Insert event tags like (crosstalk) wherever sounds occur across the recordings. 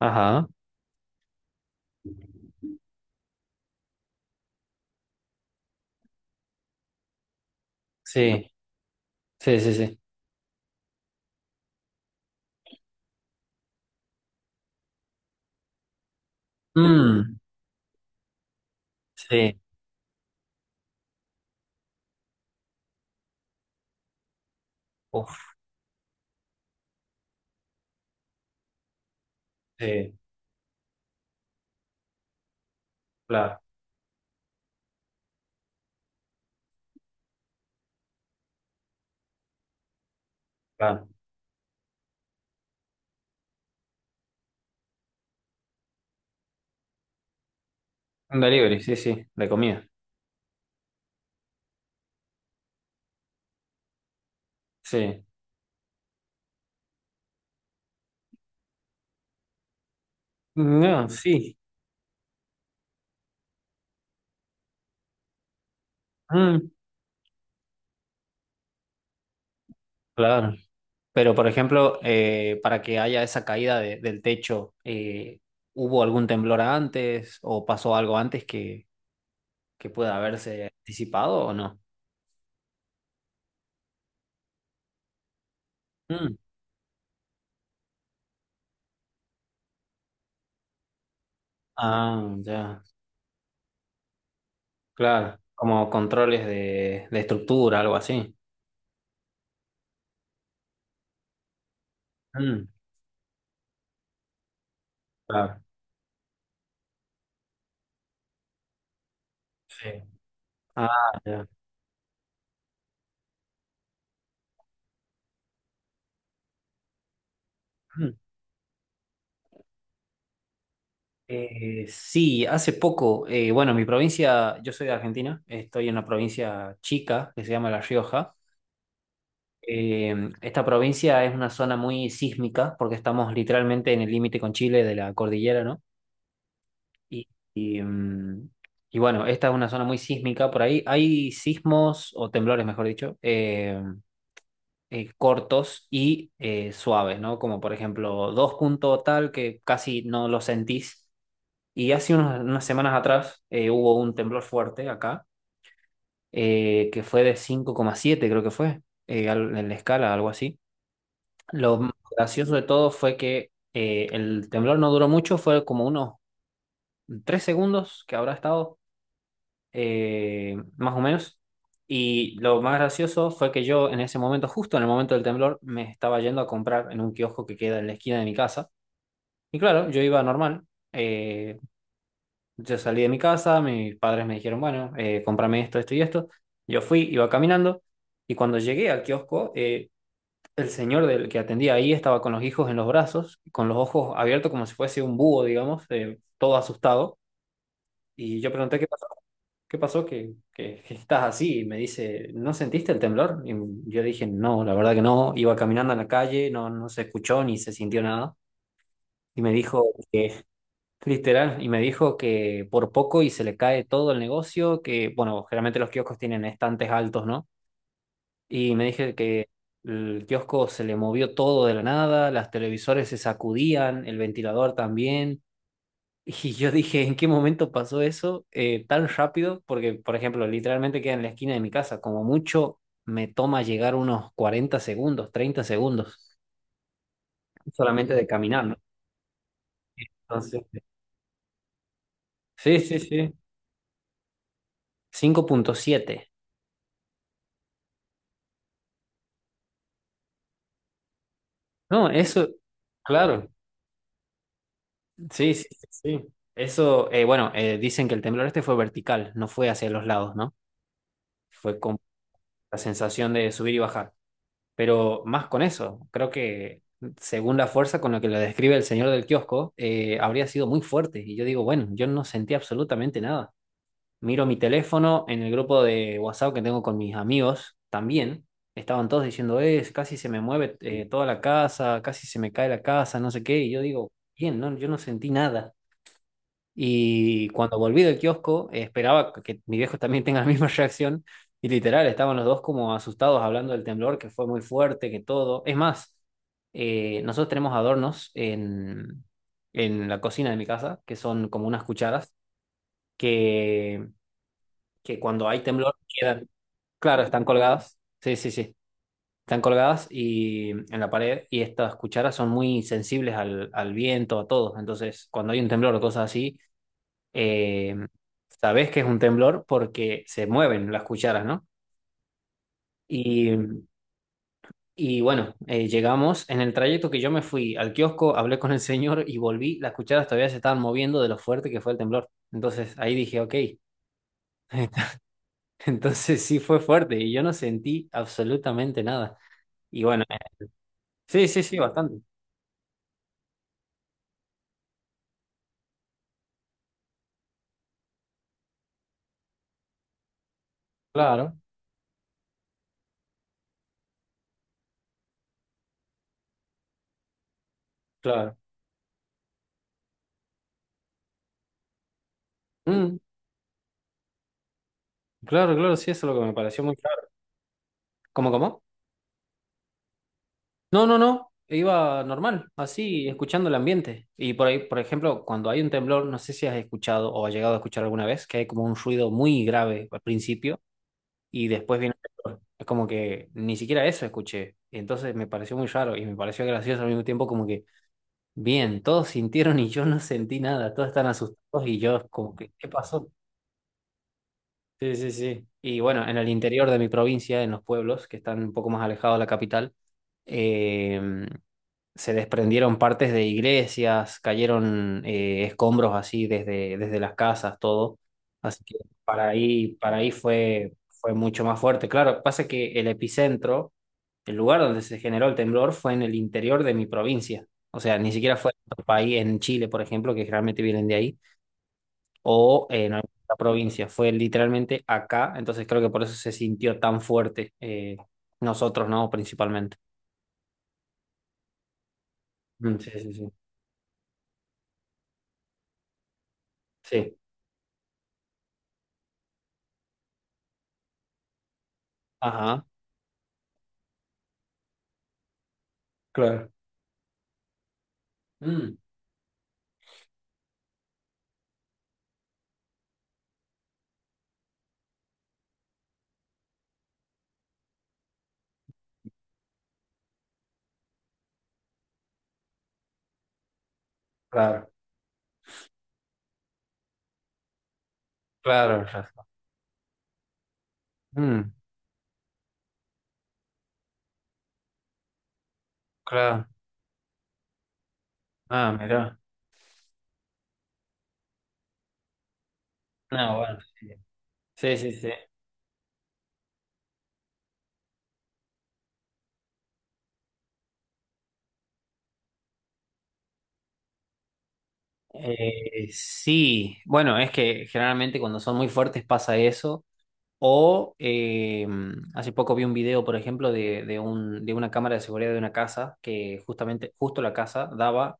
Ajá, sí, sí, sí, sí. Mm, (laughs) sí, uf, sí, claro, claro. Un delivery, sí, sí, de comida, sí. No, sí, mm, claro. Pero, por ejemplo, para que haya esa caída del techo, ¿hubo algún temblor antes o pasó algo antes que pueda haberse anticipado o no? Mm. Ah, ya, claro. Como controles de estructura, algo así. Mm, claro, sí. Ah, ya. Sí, hace poco, bueno, mi provincia, yo soy de Argentina, estoy en una provincia chica que se llama La Rioja. Eh, esta provincia es una zona muy sísmica porque estamos literalmente en el límite con Chile de la cordillera, ¿no? Y, y, mm, y bueno, esta es una zona muy sísmica, por ahí hay sismos o temblores, mejor dicho, cortos y suaves, ¿no? Como por ejemplo dos puntos tal que casi no lo sentís. Y hace unas semanas atrás hubo un temblor fuerte acá, que fue de 5,7, creo que fue, en la escala, algo así. Lo más gracioso de todo fue que el temblor no duró mucho, fue como unos 3 segundos que habrá estado, más o menos. Y lo más gracioso fue que yo en ese momento, justo en el momento del temblor, me estaba yendo a comprar en un kiosco que queda en la esquina de mi casa. Y claro, yo iba normal. eh, Yo salí de mi casa, mis padres me dijeron, bueno, cómprame esto, esto y esto. Yo fui, iba caminando y cuando llegué al kiosco, el señor del que atendía ahí estaba con los hijos en los brazos, con los ojos abiertos como si fuese un búho, digamos, todo asustado. Y yo pregunté, ¿qué pasó? ¿Qué pasó? ¿ que estás así? Y me dice, ¿no sentiste el temblor? Y yo dije, no, la verdad que no. Iba caminando en la calle, no se escuchó ni se sintió nada. Y me dijo que literal, y me dijo que por poco y se le cae todo el negocio, que bueno, generalmente los kioscos tienen estantes altos, ¿no? Y me dije que el kiosco se le movió todo de la nada, las televisores se sacudían, el ventilador también. (laughs) Y yo dije, ¿en qué momento pasó eso tan rápido? Porque, por ejemplo, literalmente queda en la esquina de mi casa, como mucho me toma llegar unos 40 segundos, 30 segundos, solamente de caminar, ¿no? Entonces, sí, sí, sí, cinco punto siete. No, eso, claro, sí, sí, sí. Sí. Eso, bueno, dicen que el temblor este fue vertical, no fue hacia los lados, ¿no? Fue con la sensación de subir y bajar. Pero más con eso, creo que según la fuerza con la que lo describe el señor del kiosco, habría sido muy fuerte. Y yo digo, bueno, yo no sentí absolutamente nada. Miro mi teléfono en el grupo de WhatsApp que tengo con mis amigos también. Estaban todos diciendo, es, casi se me mueve toda la casa, casi se me cae la casa, no sé qué. Y yo digo, bien, no, yo no sentí nada. Y cuando volví del kiosco, esperaba que mi viejo también tenga la (laughs) misma reacción. Y literal, estaban los dos como asustados hablando del temblor, que fue muy fuerte, que todo. Es más, nosotros tenemos adornos en la cocina de mi casa, que son como unas cucharas, que que cuando hay temblor quedan, claro, están colgadas. Sí, sí, sí. Están colgadas y en la pared y estas cucharas son muy sensibles al viento, a todo. Entonces, cuando hay un temblor o cosas así, eh, sabes que es un temblor porque se mueven las cucharas, ¿no? Y, y bueno, llegamos en el trayecto que yo me fui al kiosco, hablé con el señor y volví, las cucharas todavía se estaban moviendo de lo fuerte que fue el temblor. Entonces ahí dije, ok. (laughs) Entonces sí fue fuerte y yo no sentí absolutamente nada. Y bueno, sí, sí, sí, bastante. Claro, claro. Mm, claro, claro, sí, eso es lo que me pareció muy claro. ¿Cómo, cómo? No, no, no. Iba normal, así, escuchando el ambiente. Y por ahí, por ejemplo, cuando hay un temblor, no sé si has escuchado o has llegado a escuchar alguna vez, que hay como un ruido muy grave al principio y después viene el temblor. Es como que ni siquiera eso escuché. Y entonces me pareció muy raro y me pareció gracioso al mismo tiempo, como que, bien, todos sintieron y yo no sentí nada, todos están asustados y yo como que, ¿qué pasó? Sí, sí, sí. Y bueno, en el interior de mi provincia, en los pueblos que están un poco más alejados de la capital, eh, se desprendieron partes de iglesias, cayeron escombros así desde las casas, todo. Así que para ahí fue, fue mucho más fuerte. Claro, pasa que el epicentro, el lugar donde se generó el temblor, fue en el interior de mi provincia. O sea, ni siquiera fue en otro país, en Chile, por ejemplo, que realmente vienen de ahí o en alguna otra provincia. Fue literalmente acá, entonces creo que por eso se sintió tan fuerte nosotros, ¿no? Principalmente. Mm, sí, sí, sí. Sí. Ajá, claro. Mm, claro, claro, Rafa. Mm, claro. Ah, mira. No, bueno, sí. Sí, sí, sí. Sí, bueno, es que generalmente cuando son muy fuertes pasa eso. O hace poco vi un video, por ejemplo, de una cámara de seguridad de una casa que justamente, justo la casa daba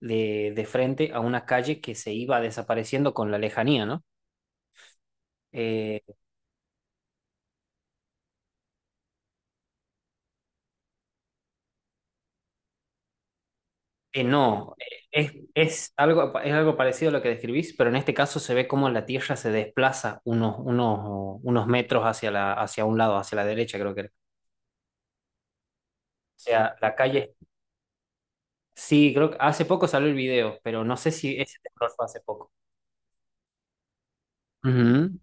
de frente a una calle que se iba desapareciendo con la lejanía, ¿no? Eh, no, es algo parecido a lo que describís, pero en este caso se ve cómo la Tierra se desplaza unos metros hacia la, hacia un lado, hacia la derecha, creo que era. O sea, la calle, sí, creo que hace poco salió el video, pero no sé si ese temblor fue hace poco. Ujú,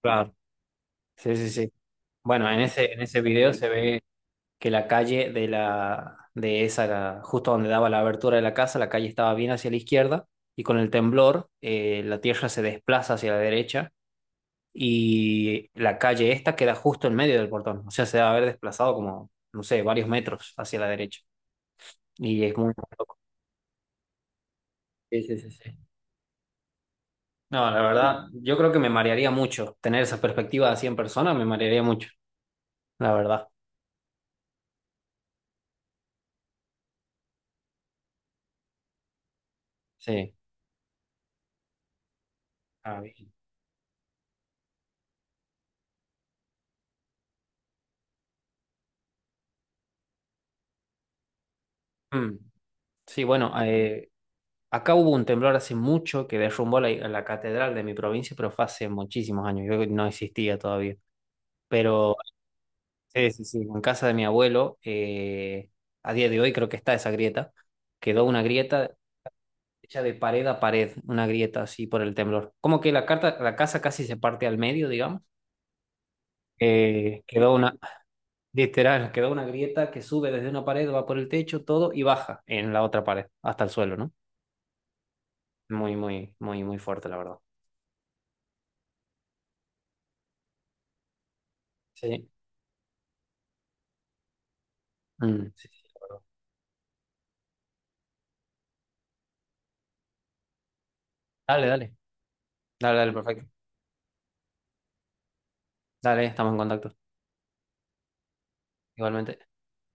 claro, sí, sí, sí. Bueno, en ese video se ve que la calle de la de esa, la- justo donde daba la abertura de la casa, la calle estaba bien hacia la izquierda y con el temblor la tierra se desplaza hacia la derecha y la calle esta queda justo en medio del portón, o sea, se debe haber desplazado como, no sé, varios metros hacia la derecha y es muy loco. Sí, sí, sí, sí. No, la verdad, yo creo que me marearía mucho tener esa perspectiva así en persona, me marearía mucho, la verdad. Sí. Ah, bien. Mm. Sí, bueno, acá hubo un temblor hace mucho que derrumbó la, la catedral de mi provincia, pero fue hace muchísimos años, yo no existía todavía. Pero sí, sí, sí, en casa de mi abuelo, a día de hoy creo que está esa grieta, quedó una grieta hecha de pared a pared, una grieta así por el temblor. Como que la, carta, la casa casi se parte al medio, digamos. Quedó una, literal, quedó una grieta que sube desde una pared, va por el techo, todo, y baja en la otra pared, hasta el suelo, ¿no? Muy, muy, muy, muy fuerte, la verdad. Sí. Mm. Sí, sí, la verdad. Dale, dale. Dale, dale, perfecto. Dale, estamos en contacto. Igualmente.